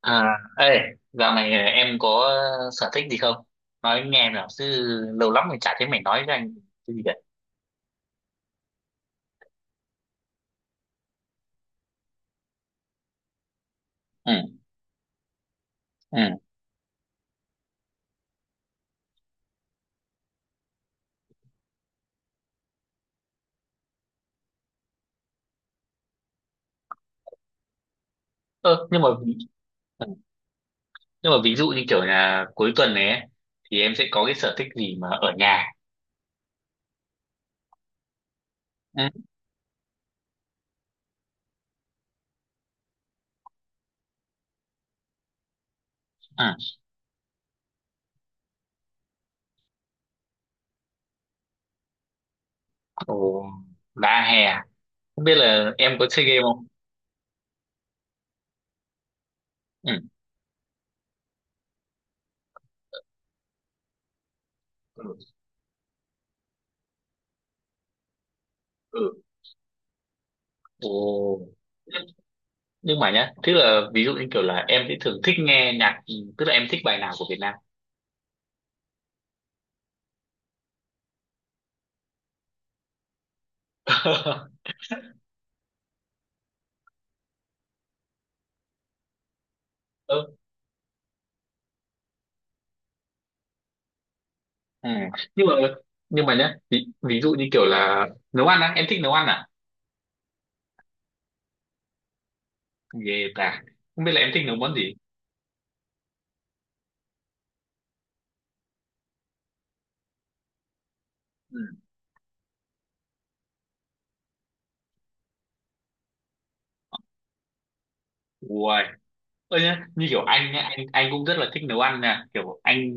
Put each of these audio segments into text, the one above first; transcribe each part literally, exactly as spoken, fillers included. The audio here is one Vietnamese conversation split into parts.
À, ê, dạo này à, em có sở thích gì không? Nói anh nghe nào, chứ lâu lắm rồi chả thấy mày nói với anh cái gì cả. Ừ, ừ. Ơ, nhưng mà ví- ừ, nhưng mà ví dụ như kiểu là cuối tuần này ấy, thì em sẽ có cái sở thích gì mà ở nhà. Ừ, ừ. Ồ, đã hè, à? Không biết là em có chơi game không? Ừ. Ừ. Ồ. Nhưng mà nhá, tức là ví dụ như kiểu là em sẽ thường thích nghe nhạc, tức là em thích bài nào của Việt Nam. Ừ. Nhưng mà nhưng mà nhá, ví, ví dụ như kiểu là nấu ăn á, em thích nấu ăn à? Ghê ta, không biết là em thích nấu món gì. Ừ. Uầy. Ơ nhá, như kiểu anh nhá, anh anh cũng rất là thích nấu ăn nha, kiểu anh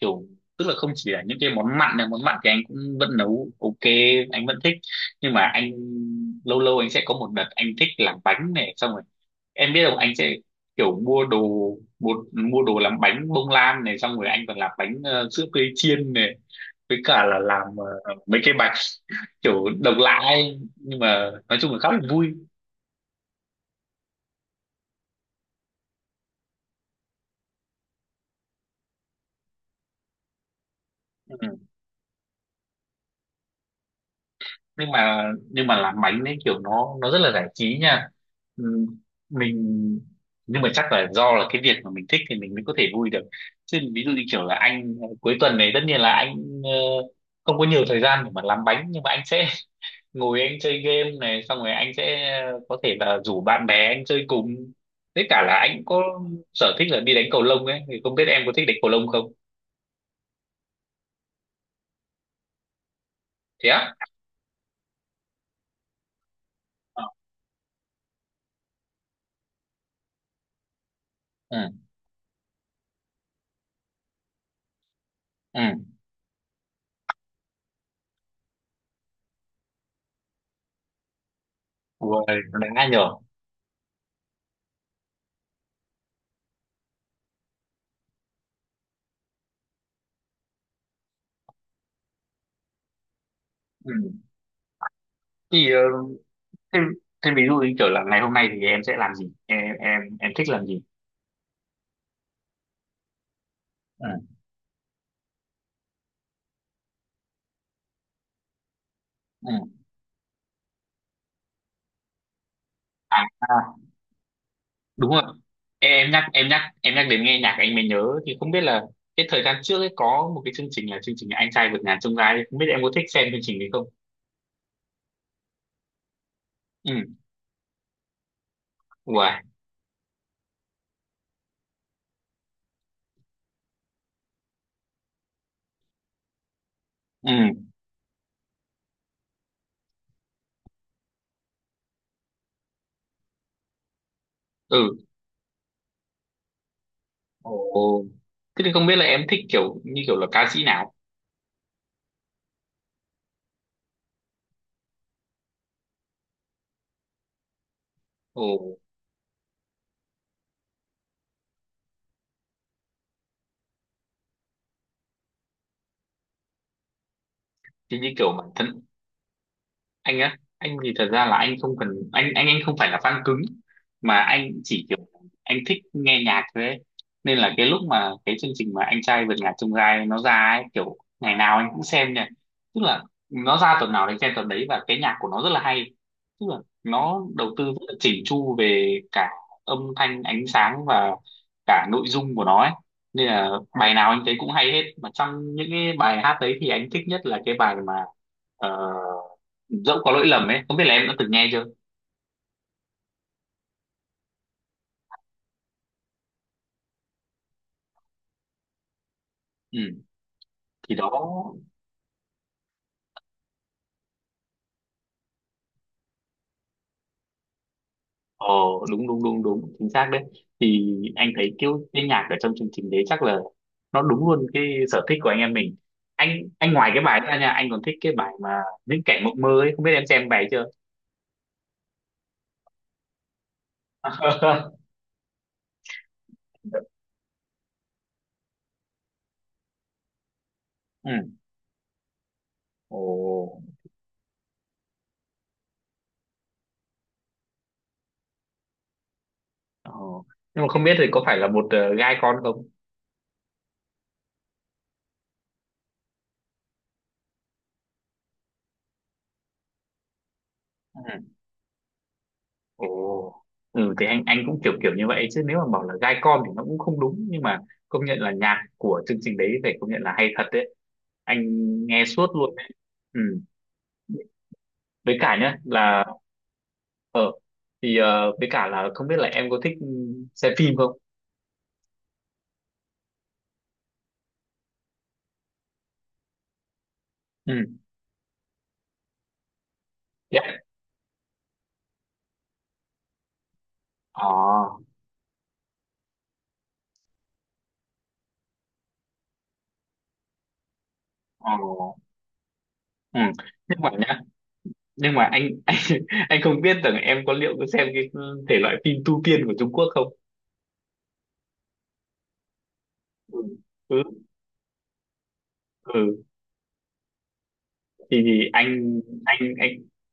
kiểu tức là không chỉ là những cái món mặn này món mặn thì anh cũng vẫn nấu ok, anh vẫn thích. Nhưng mà anh lâu lâu anh sẽ có một đợt anh thích làm bánh này, xong rồi em biết không anh sẽ kiểu mua đồ một mua đồ làm bánh bông lan này, xong rồi anh còn làm bánh ờ, sữa tươi chiên này, với cả là làm ờ, mấy cái bài kiểu độc lạ ấy. Nhưng mà nói chung là khá là vui. Ừ. nhưng mà nhưng mà làm bánh ấy kiểu nó nó rất là giải trí nha. Ừ. mình nhưng mà chắc là do là cái việc mà mình thích thì mình mới có thể vui được, chứ ví dụ như kiểu là anh ờ, cuối tuần này tất nhiên là anh ờ, không có nhiều thời gian để mà làm bánh. Nhưng mà anh sẽ ngồi anh chơi game này, xong rồi anh sẽ có thể là rủ bạn bè anh chơi cùng, với cả là anh có sở thích là đi đánh cầu lông ấy. Thì không biết em có thích đánh cầu lông không? Thế á. Ờ. Ừ. Ừ. Ui, đánh ai nhở? Ừ. Thì ờ, thế, thế ví dụ như kiểu là ngày hôm nay thì em sẽ làm gì, em em em thích làm gì? Ừ. Ừ. À, à, đúng rồi. Em nhắc em nhắc em nhắc đến nghe nhạc anh mới nhớ, thì không biết là cái thời gian trước ấy có một cái chương trình là chương trình Anh Trai Vượt Ngàn Chông Gai ấy. Không biết em có thích xem chương trình đấy không? Ừ. Wow. Ừ. Ừ. Ồ. Thế thì không biết là em thích kiểu như kiểu là ca sĩ nào? Ồ. Thì như kiểu bản thân anh á, anh thì thật ra là anh không cần, anh anh anh không phải là fan cứng, mà anh chỉ kiểu anh thích nghe nhạc thôi ấy. Nên là cái lúc mà cái chương trình mà Anh Trai Vượt Ngàn Chông Gai nó ra ấy, kiểu ngày nào anh cũng xem nha, tức là nó ra tuần nào anh xem tuần đấy, và cái nhạc của nó rất là hay, tức là nó đầu tư rất là chỉnh chu về cả âm thanh ánh sáng và cả nội dung của nó ấy, nên là bài nào anh thấy cũng hay hết, mà trong những cái bài hát đấy thì anh thích nhất là cái bài mà ờ, dẫu có lỗi lầm ấy. Không biết là em đã từng nghe chưa? Ừ. Thì đó. ờ Đúng đúng đúng đúng chính xác đấy. Thì anh thấy kiểu cái nhạc ở trong chương trình đấy chắc là nó đúng luôn cái sở thích của anh em mình. Anh anh ngoài cái bài đó ra nha, anh còn thích cái bài mà những kẻ mộng mơ ấy. Không biết em xem bài chưa? Ừ. Ồ. Ờ. Nhưng mà không biết thì có phải là một ờ, gai con không? Ừ. Ồ. Ừ thì anh anh cũng kiểu kiểu như vậy, chứ nếu mà bảo là gai con thì nó cũng không đúng. Nhưng mà công nhận là nhạc của chương trình đấy phải công nhận là hay thật đấy. Anh nghe suốt luôn đấy. Ừ. Với cả nhá, là ờ thì ờ, với cả là không biết là em có thích ừ, xem phim không? Ừ. Yeah. Ờ. Ờ. Ừ. Nhưng mà nhá, nhưng mà anh anh anh không biết rằng em có liệu có xem cái thể loại phim tu tiên của Trung Quốc không? Ừ. Ừ. Ừ. thì, thì anh anh anh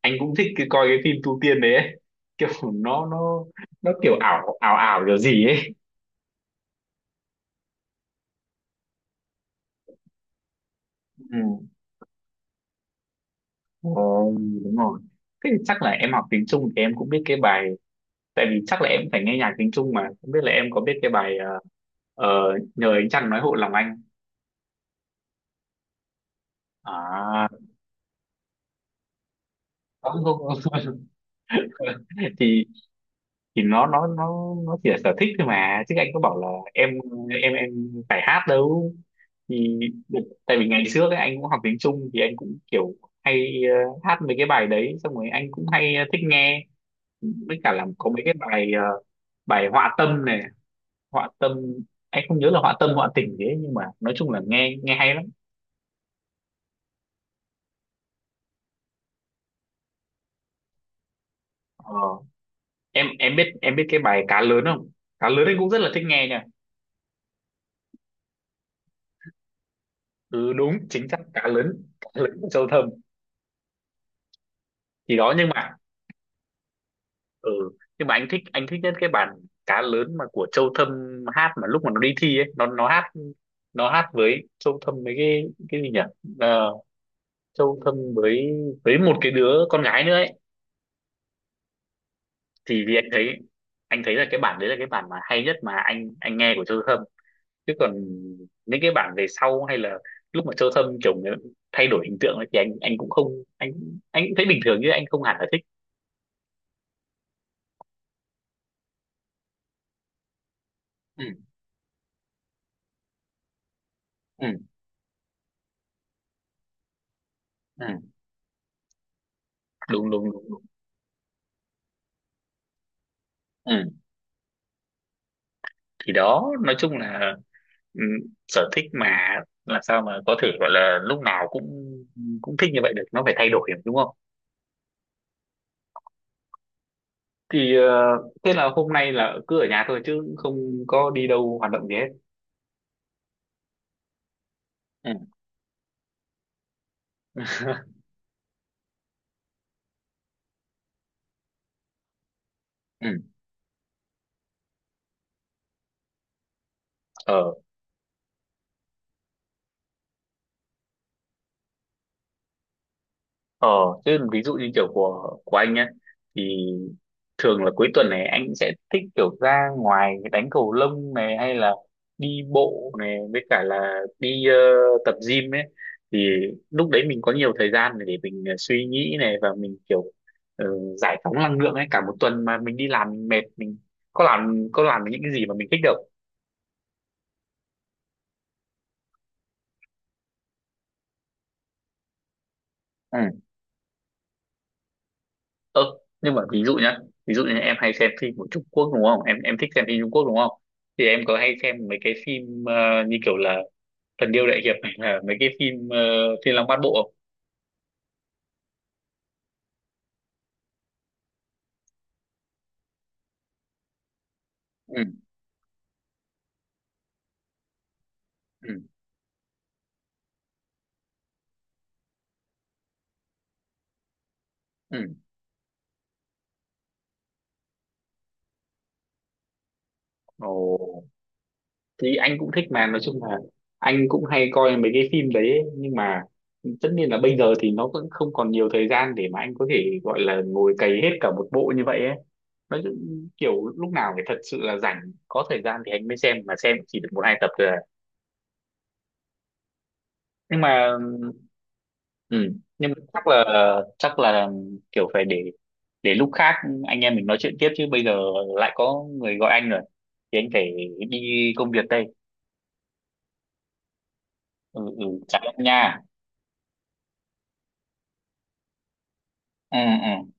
anh cũng thích cái, coi cái phim tu tiên đấy ấy. Kiểu nó nó nó kiểu ảo ảo ảo kiểu gì ấy. Ừ. Ồ, đúng rồi. Thế thì chắc là em học tiếng Trung thì em cũng biết cái bài, tại vì chắc là em phải nghe nhạc tiếng Trung mà. Không biết là em có biết cái bài ờ, ờ, Nhờ Ánh Trăng Nói Hộ Lòng Anh? À, có không, không. thì thì nó nó nó nó chỉ là sở thích thôi mà, chứ anh có bảo là em em em phải hát đâu. Thì tại vì ngày trước ấy, anh cũng học tiếng Trung thì anh cũng kiểu hay ờ, hát mấy cái bài đấy, xong rồi anh cũng hay ờ, thích nghe. Với cả là có mấy cái bài ờ, bài Họa Tâm này, họa tâm, anh không nhớ là họa tâm họa tình thế. Nhưng mà nói chung là nghe nghe hay lắm. ờ, em em biết em biết cái bài Cá Lớn không? Cá lớn anh cũng rất là thích nghe nha. Ừ, đúng chính xác, cá lớn cá lớn của Châu Thâm. Thì đó. Nhưng mà. Ừ. Nhưng mà anh thích anh thích nhất cái bản cá lớn mà của Châu Thâm hát, mà lúc mà nó đi thi ấy, nó nó hát nó hát với Châu Thâm với cái cái gì nhỉ. Ờ, Châu Thâm với với một cái đứa con gái nữa ấy. Thì vì anh thấy anh thấy là cái bản đấy là cái bản mà hay nhất mà anh anh nghe của Châu Thâm. Chứ còn những cái bản về sau, hay là lúc mà Châu Thâm kiểu như thay đổi hình tượng ấy, thì anh anh cũng không, anh anh cũng thấy bình thường, chứ anh không hẳn là thích. Ừ. Ừ. Ừ. Đúng đúng đúng, đúng. Ừ. Thì đó, nói chung là ừ, sở thích mà, làm sao mà có thể gọi là lúc nào cũng cũng thích như vậy được, nó phải thay đổi đúng không? Thì ờ, thế là hôm nay là cứ ở nhà thôi, chứ không có đi đâu hoạt động gì hết. Ừ. Ừ. ờ Ờ, Chứ ví dụ như kiểu của của anh nhá, thì thường là cuối tuần này anh sẽ thích kiểu ra ngoài đánh cầu lông này, hay là đi bộ này, với cả là đi ờ, tập gym ấy. Thì lúc đấy mình có nhiều thời gian để mình ờ, suy nghĩ này, và mình kiểu ờ, giải phóng năng lượng ấy. Cả một tuần mà mình đi làm mình mệt, mình có làm có làm được những cái gì mà mình thích đâu. Ơ, nhưng mà ví dụ nhá, ví dụ như em hay xem phim của Trung Quốc đúng không, em em thích xem phim Trung Quốc đúng không? Thì em có hay xem mấy cái phim ờ, như kiểu là Thần Điêu Đại Hiệp này, là mấy cái phim ờ, Thiên Long Bát Bộ không? Ừ. Ừ. Ừ. Ồ. Thì anh cũng thích, mà nói chung là anh cũng hay coi mấy cái phim đấy ấy. Nhưng mà tất nhiên là bây giờ thì nó vẫn không còn nhiều thời gian để mà anh có thể gọi là ngồi cày hết cả một bộ như vậy ấy. Nói chung, kiểu lúc nào phải thật sự là rảnh có thời gian thì anh mới xem, mà xem chỉ được một hai tập rồi à. Nhưng mà. Ừ. Nhưng mà chắc là chắc là kiểu phải để để lúc khác anh em mình nói chuyện tiếp, chứ bây giờ lại có người gọi anh rồi thì anh phải đi công việc đây. Ừ, ừ. Chào em nha. Ừ, ừ.